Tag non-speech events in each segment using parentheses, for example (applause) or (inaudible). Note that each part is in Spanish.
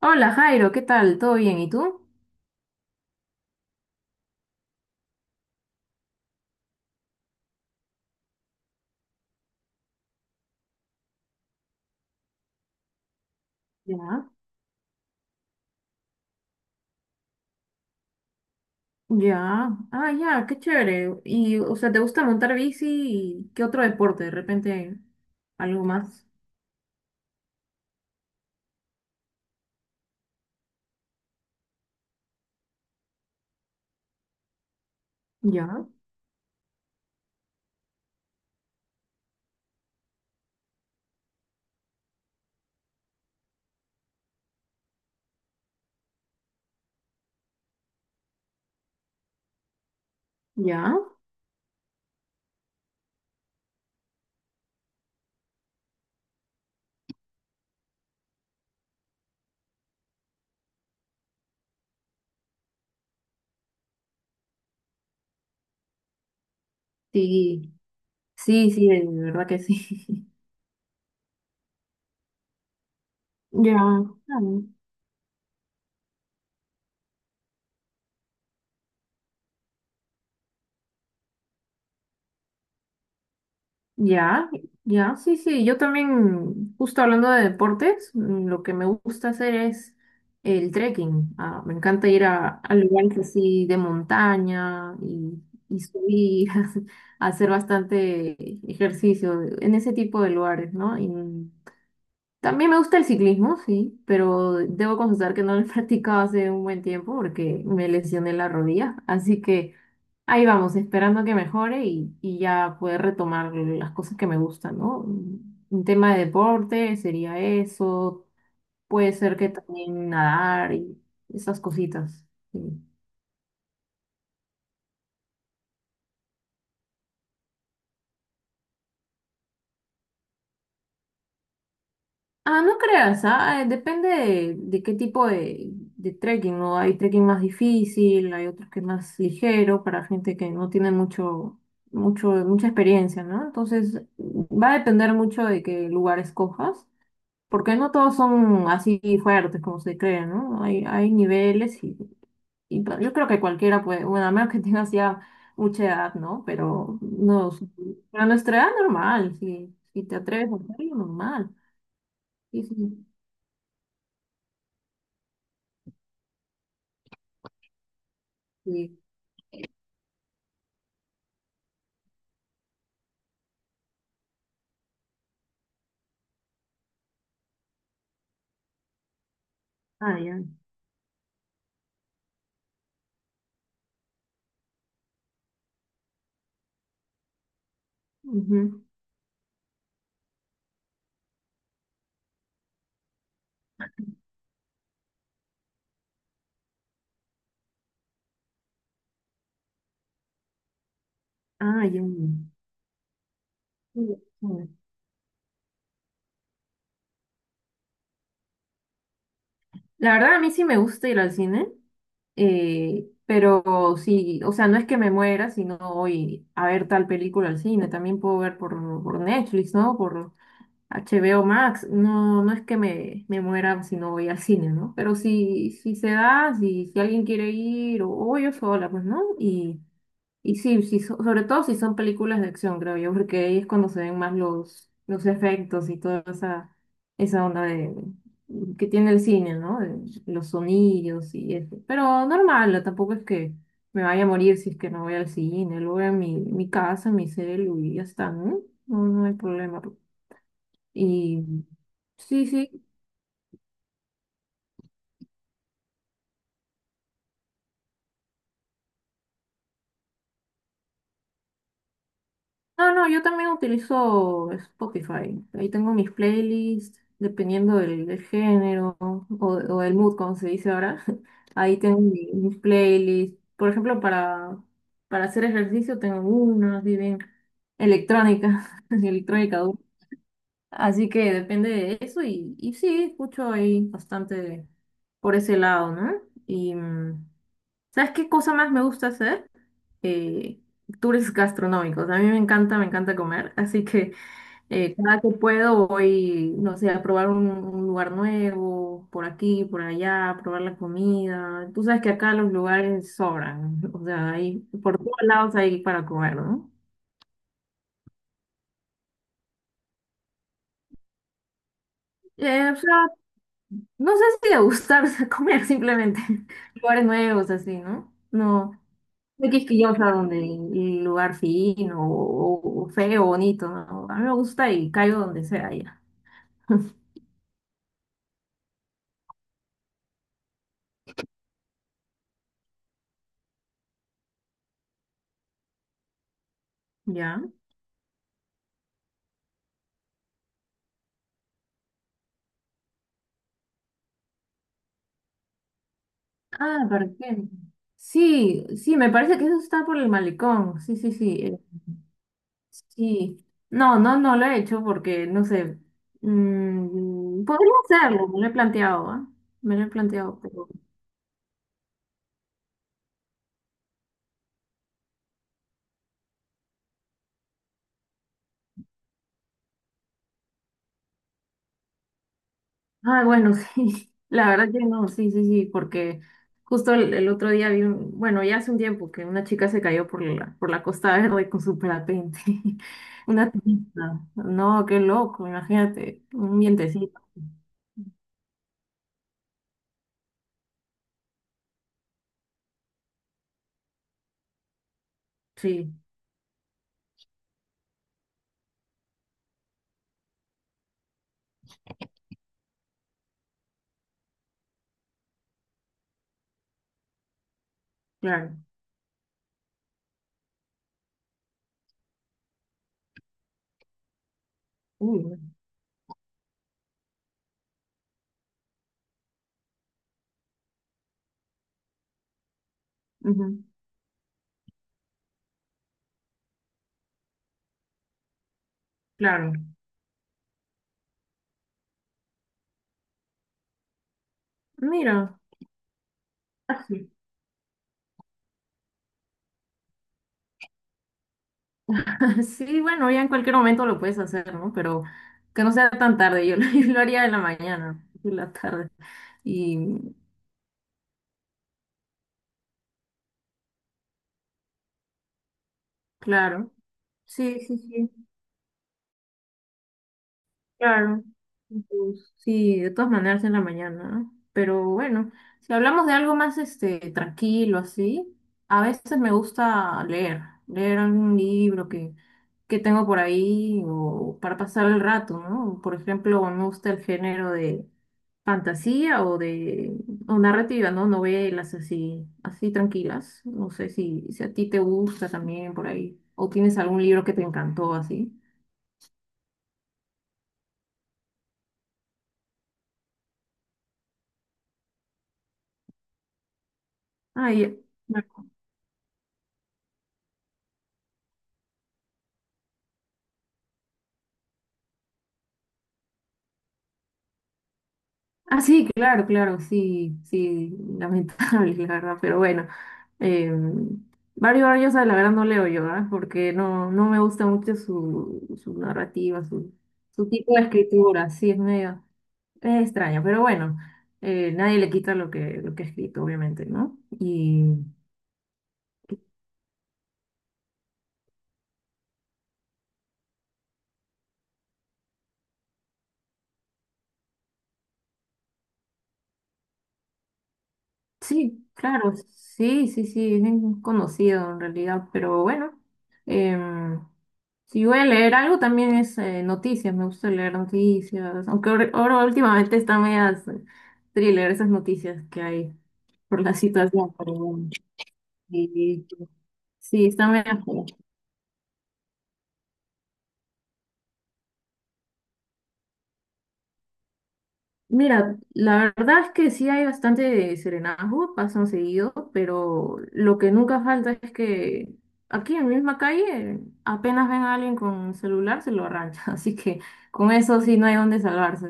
Hola Jairo, ¿qué tal? ¿Todo bien? ¿Y tú? Ya. Ya, ah, ya, qué chévere. Y, o sea, ¿te gusta montar bici y qué otro deporte? De repente, algo más. Ya, ya. Sí, sí, sí, de verdad que sí. (laughs) Ya. Ah, ya, ya, sí, sí. Yo también, justo hablando de deportes, lo que me gusta hacer es el trekking. Ah, me encanta ir a lugares así de montaña y subir, (laughs) a hacer bastante ejercicio en ese tipo de lugares, ¿no? Y también me gusta el ciclismo, sí, pero debo confesar que no lo he (laughs) practicado hace un buen tiempo porque me lesioné la rodilla. Así que ahí vamos, esperando que mejore y ya poder retomar las cosas que me gustan, ¿no? Un tema de deporte sería eso, puede ser que también nadar y esas cositas. Sí. Ah, no creas, depende de qué tipo de trekking, ¿no? Hay trekking más difícil, hay otros que es más ligero para gente que no tiene mucha experiencia, ¿no? Entonces, va a depender mucho de qué lugar escojas. Porque no todos son así fuertes como se creen, ¿no? Hay niveles y yo creo que cualquiera puede, bueno, a menos que (laughs) tengas ya mucha edad, ¿no? Pero no, a nuestra edad normal, si te atreves a hacerlo, normal. Sí, sí, sí. Ah, ya. Ujú. Ah, ya. Sí, sí. La verdad, a mí sí me gusta ir al cine, pero sí, o sea, no es que me muera, sino voy a ver tal película al cine, también puedo ver por Netflix, ¿no? Por HBO Max, no es que me muera si no voy al cine, ¿no? Pero si se da, si alguien quiere ir, o yo sola, pues, ¿no? Y sí, sí, sobre todo si son películas de acción, creo yo, porque ahí es cuando se ven más los efectos y toda esa onda de, que tiene el cine, ¿no? De los sonidos y eso. Pero normal, tampoco es que me vaya a morir si es que no voy al cine, lo veo en mi casa, en mi celu y ya está, ¿no? No, no hay problema. Y sí, sí. No, no, yo también utilizo Spotify. Ahí tengo mis playlists, dependiendo del género o del mood, como se dice ahora. (laughs) Ahí tengo mis playlists. Por ejemplo, para hacer ejercicio tengo una, así bien electrónica, (laughs) electrónica dura. Así que depende de eso y sí, escucho ahí bastante por ese lado, ¿no? Y ¿sabes qué cosa más me gusta hacer? eh, tours gastronómicos. A mí me encanta comer, así que cada que puedo voy, no sé, a probar un lugar nuevo, por aquí, por allá, a probar la comida. Tú sabes que acá los lugares sobran, (laughs) o sea, hay, por todos lados hay para comer, ¿no? O sea, no sé si de gustar, (laughs) o sea, comer simplemente (laughs) lugares nuevos, así, ¿no? No. No quisquillosa donde el lugar fino o feo, bonito, ¿no? A mí me gusta y caigo donde sea ya. Ya. Ah, perfecto. Sí, sí, me parece que eso está por el malecón. Sí, sí, sí. Sí. No, no, no lo he hecho porque, no sé. Podría hacerlo, me lo he planteado, ¿ah? Me lo he planteado, pero. Ah, bueno, (laughs) sí. La verdad que no, sí, sí, sí, porque justo el otro día vi un, bueno, ya hace un tiempo que una chica se cayó por la Costa Verde con su parapente. (laughs) Una turista. No, qué loco, imagínate, un vientecito. Sí, claro. Uy, bueno. Ujú, claro. Mira, sí, (laughs) Sí, bueno, ya en cualquier momento lo puedes hacer, ¿no? Pero que no sea tan tarde, yo lo, (laughs) yo lo haría en la mañana, en la tarde. Y claro, sí, sí, sí. Claro, pues, sí, de todas maneras en la mañana, ¿no? Pero bueno, si hablamos de algo más tranquilo así, a veces me gusta leer, algún libro que tengo por ahí o para pasar el rato, ¿no? Por ejemplo, me gusta el género de fantasía o narrativa, ¿no? Novelas así, así tranquilas. No sé si a ti te gusta también por ahí o tienes algún libro que te encantó así. Ah, ya. Ah, sí, claro, claro, sí, sí, lamentable, (laughs) la verdad, pero bueno. Eh, Barry Barllosa, la verdad, no leo yo, ¿ah? Porque no me gusta mucho su narrativa, su tipo de escritura, sí, es medio, es extraño, pero bueno, Nadie le quita lo que ha escrito, obviamente, ¿no? Sí, claro, sí, sí, sí, es bien conocido en realidad, pero bueno, em, si voy a leer algo también es noticias, me gusta leer noticias, aunque ahora últimamente están medias thriller esas noticias que hay por la situación, pero bueno, y- sí, están medias. Mira, la verdad es que sí hay bastante serenazgo, pasan seguido, pero lo que nunca falta es que aquí en la misma calle apenas ven a alguien con celular, se lo arranchan. (laughs) Así que con eso sí no hay dónde salvarse.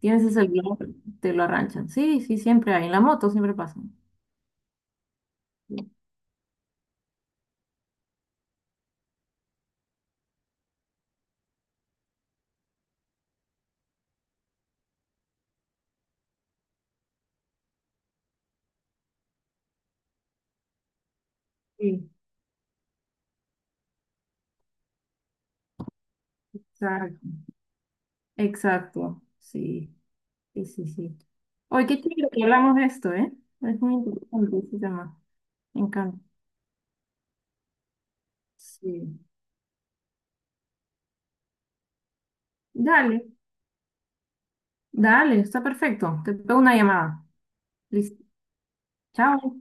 Tienes el celular, te lo arranchan. Sí, sí, siempre hay. En la moto siempre pasan. Sí, exacto. Exacto. Sí, sí, sí, sí. Oye, qué chido que hablamos de esto, ¿eh? Es muy interesante ese tema. Me encanta. Sí. Dale. Dale, está perfecto. Te pego una llamada. Listo. Chao.